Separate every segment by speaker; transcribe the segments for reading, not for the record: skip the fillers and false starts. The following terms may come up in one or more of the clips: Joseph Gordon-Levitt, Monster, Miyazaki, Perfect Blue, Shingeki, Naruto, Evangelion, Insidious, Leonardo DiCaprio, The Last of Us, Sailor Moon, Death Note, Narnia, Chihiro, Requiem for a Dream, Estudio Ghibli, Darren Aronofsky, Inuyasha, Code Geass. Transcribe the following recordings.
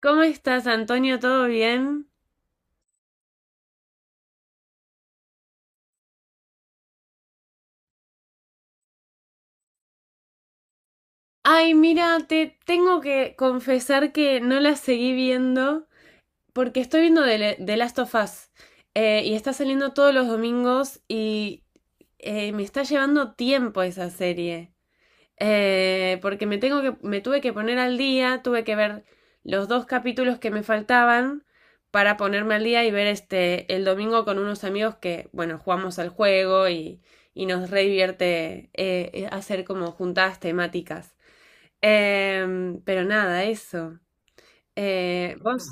Speaker 1: ¿Cómo estás, Antonio? ¿Todo bien? Ay, mira, te tengo que confesar que no la seguí viendo porque estoy viendo The Last of Us, y está saliendo todos los domingos y me está llevando tiempo esa serie. Porque me tuve que poner al día, tuve que ver los dos capítulos que me faltaban para ponerme al día y ver este el domingo con unos amigos que, bueno, jugamos al juego y nos re divierte hacer como juntadas temáticas. Pero nada, eso. Vos.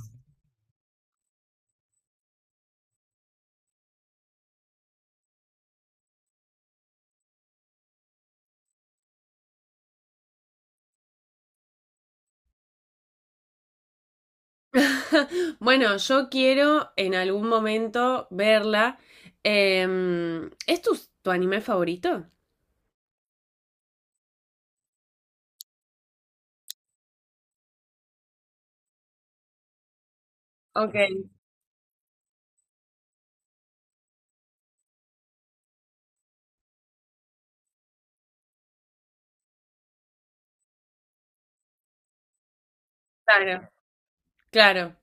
Speaker 1: Bueno, yo quiero en algún momento verla. ¿Es tu anime favorito? Ok, claro. Claro.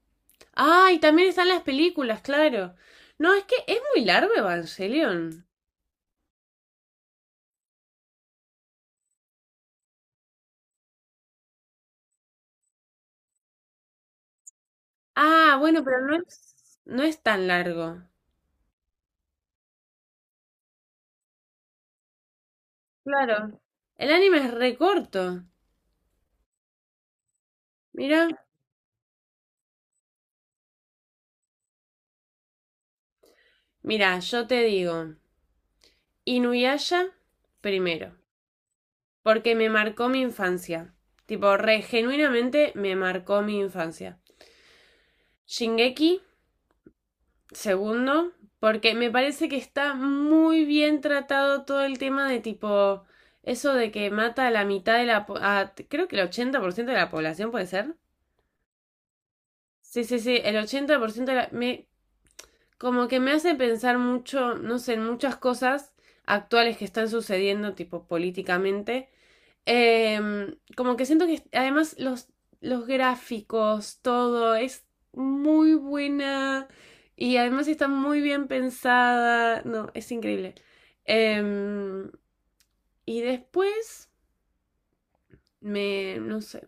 Speaker 1: Ah, y también están las películas, claro. No, es que es muy largo Evangelion. Ah, bueno, pero no es tan largo. Claro. El anime es recorto. Mira, mira, yo te digo, Inuyasha primero, porque me marcó mi infancia. Tipo, re genuinamente me marcó mi infancia. Shingeki segundo, porque me parece que está muy bien tratado todo el tema de tipo, eso de que mata a la mitad de creo que el 80% de la población puede ser. Sí, sí, sí, el 80% de la, me, como que me hace pensar mucho, no sé, en muchas cosas actuales que están sucediendo, tipo políticamente. Como que siento que además los gráficos, todo es muy buena y además está muy bien pensada. No, es increíble. Em, y después no sé,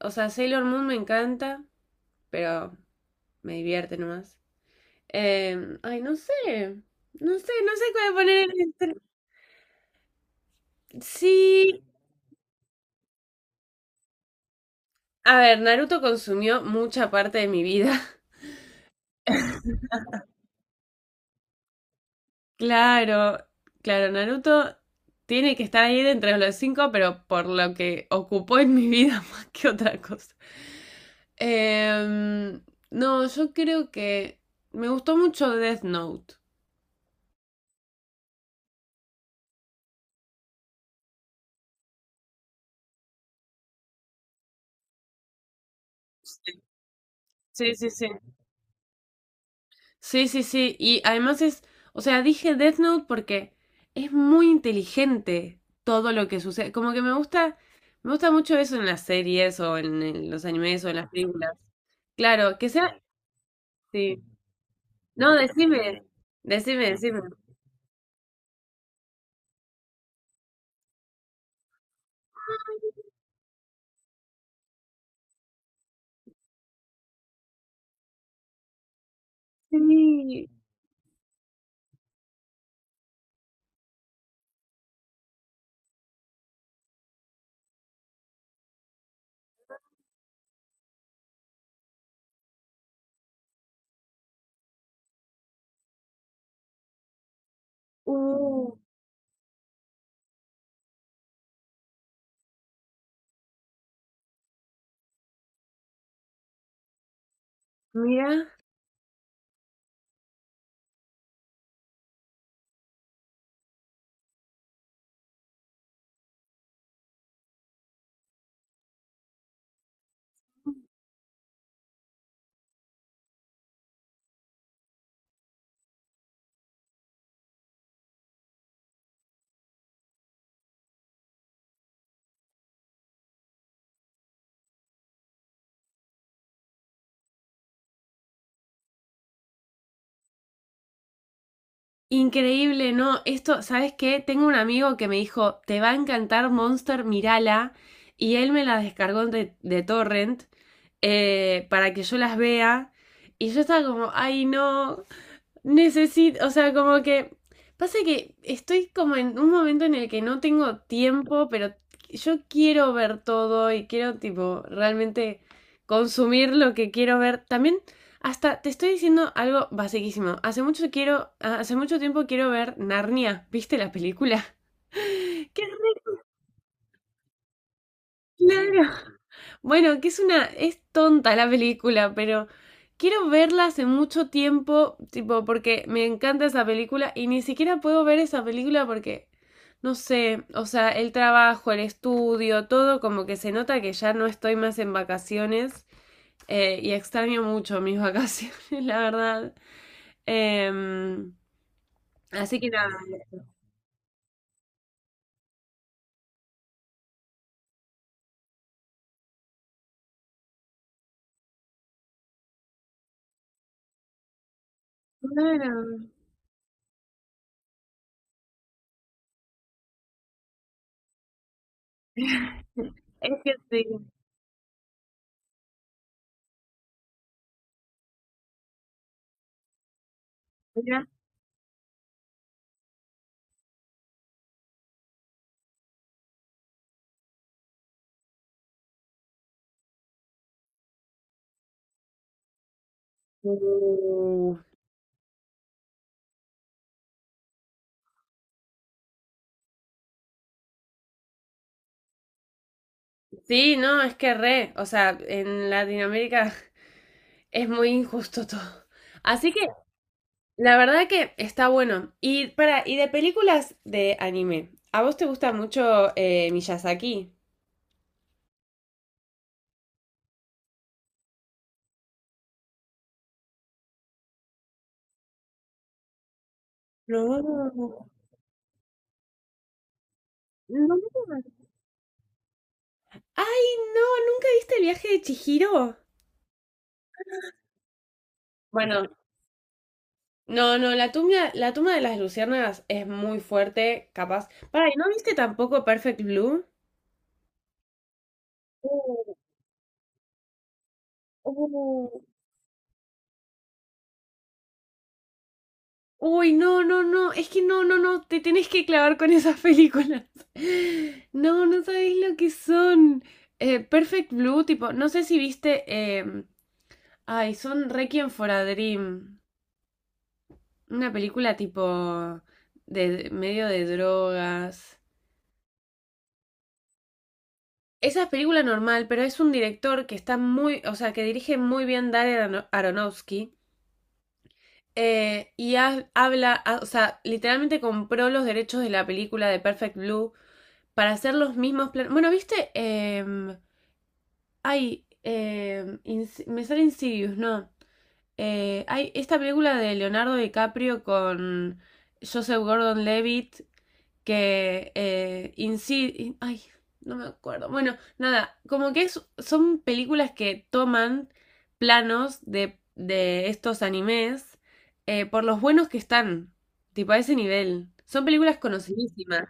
Speaker 1: o sea, Sailor Moon me encanta, pero me divierte nomás. Ay, no sé cuál poner. El- Sí, a ver, Naruto consumió mucha parte de mi vida. Claro, claro, Naruto tiene que estar ahí de entre los cinco, pero por lo que ocupó en mi vida más que otra cosa. Em, no, yo creo que me gustó mucho Death Note. Sí, sí, sí. Sí, sí, sí, sí. Y además es, o sea, dije Death Note porque es muy inteligente todo lo que sucede. Como que me gusta mucho eso en las series en los animes o en las películas. Claro, que sea, sí. No, decime, decime. Sí, uh, mira, increíble, no, esto, ¿sabes qué? Tengo un amigo que me dijo, te va a encantar Monster, mirala, y él me la descargó de Torrent, para que yo las vea, y yo estaba como, ay, no, necesito, o sea, como que pasa que estoy como en un momento en el que no tengo tiempo, pero yo quiero ver todo y quiero tipo realmente consumir lo que quiero ver. También hasta te estoy diciendo algo basiquísimo. Hace mucho tiempo quiero ver Narnia. ¿Viste la película? ¡Qué re larga! Bueno, que es tonta la película, pero quiero verla hace mucho tiempo, tipo, porque me encanta esa película y ni siquiera puedo ver esa película porque, no sé, o sea, el trabajo, el estudio, todo como que se nota que ya no estoy más en vacaciones, y extraño mucho mis vacaciones, la verdad. Em, Así que nada. Claro, es que sí. Mira. Uh. Sí, no, es que re, o sea, en Latinoamérica es muy injusto todo. Así que la verdad que está bueno. Y para, y de películas de anime, ¿a vos te gusta mucho Miyazaki? No, no. Ay, no, ¿nunca viste El viaje de Chihiro? Bueno, no, no, la tumba de las luciérnagas es muy fuerte, capaz. Para, ¿y no viste tampoco Perfect Blue? Uh, uh. Uy, no, no, no, es que no, no, no, te tenés que clavar con esas películas. No, no sabéis lo que son. Perfect Blue, tipo, no sé si viste, ay, son Requiem for a Dream, una película tipo de medio de drogas. Esa es película normal, pero es un director que está muy, o sea, que dirige muy bien Aronofsky. Y o sea, literalmente compró los derechos de la película de Perfect Blue para hacer los mismos planos. Bueno, viste. Me sale Insidious, no. Hay esta película de Leonardo DiCaprio con Joseph Gordon-Levitt que ay, no me acuerdo. Bueno, nada, como que son películas que toman planos de estos animes, por los buenos que están, tipo a ese nivel. Son películas conocidísimas.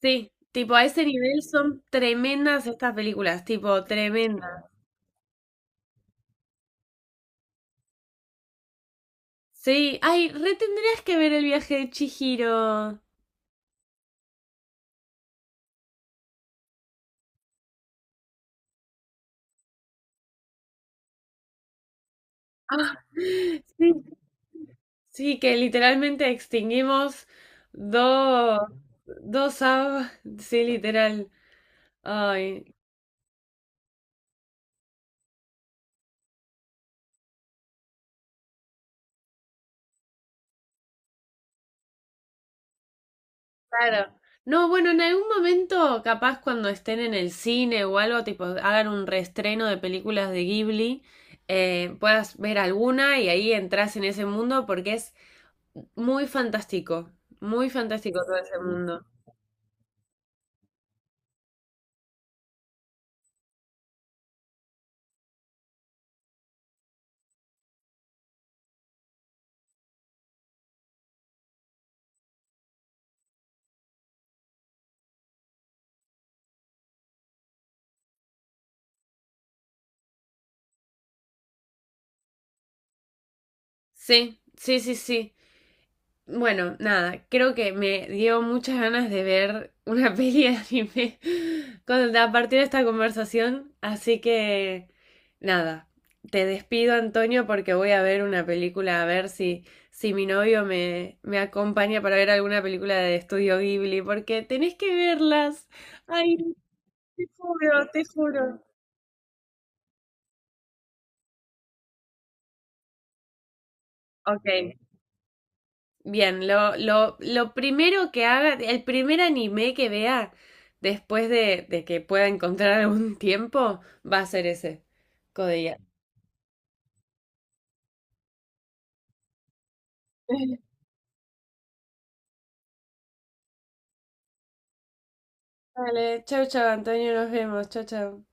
Speaker 1: Sí, tipo, a ese nivel son tremendas estas películas, tipo, tremendas. Sí, ay, re tendrías que ver El viaje de Chihiro. Ah, sí, sí, que literalmente extinguimos dos, dos aves, sí, literal. Ay, claro. No, bueno, en algún momento, capaz cuando estén en el cine o algo, tipo, hagan un reestreno de películas de Ghibli, puedas ver alguna y ahí entras en ese mundo porque es muy fantástico, muy fantástico todo ese mundo. Sí, sí, sí, sí. Bueno, nada, creo que me dio muchas ganas de ver una peli de anime a partir de esta conversación, así que nada, te despido, Antonio, porque voy a ver una película, a ver si, si mi novio me acompaña para ver alguna película de Estudio Ghibli, porque tenés que verlas. Ay, te juro, te juro. Ok, bien, lo primero que haga, el primer anime que vea después de que pueda encontrar algún tiempo, va a ser ese, Code Geass. Vale, chau, chau, Antonio, nos vemos, chau, chau.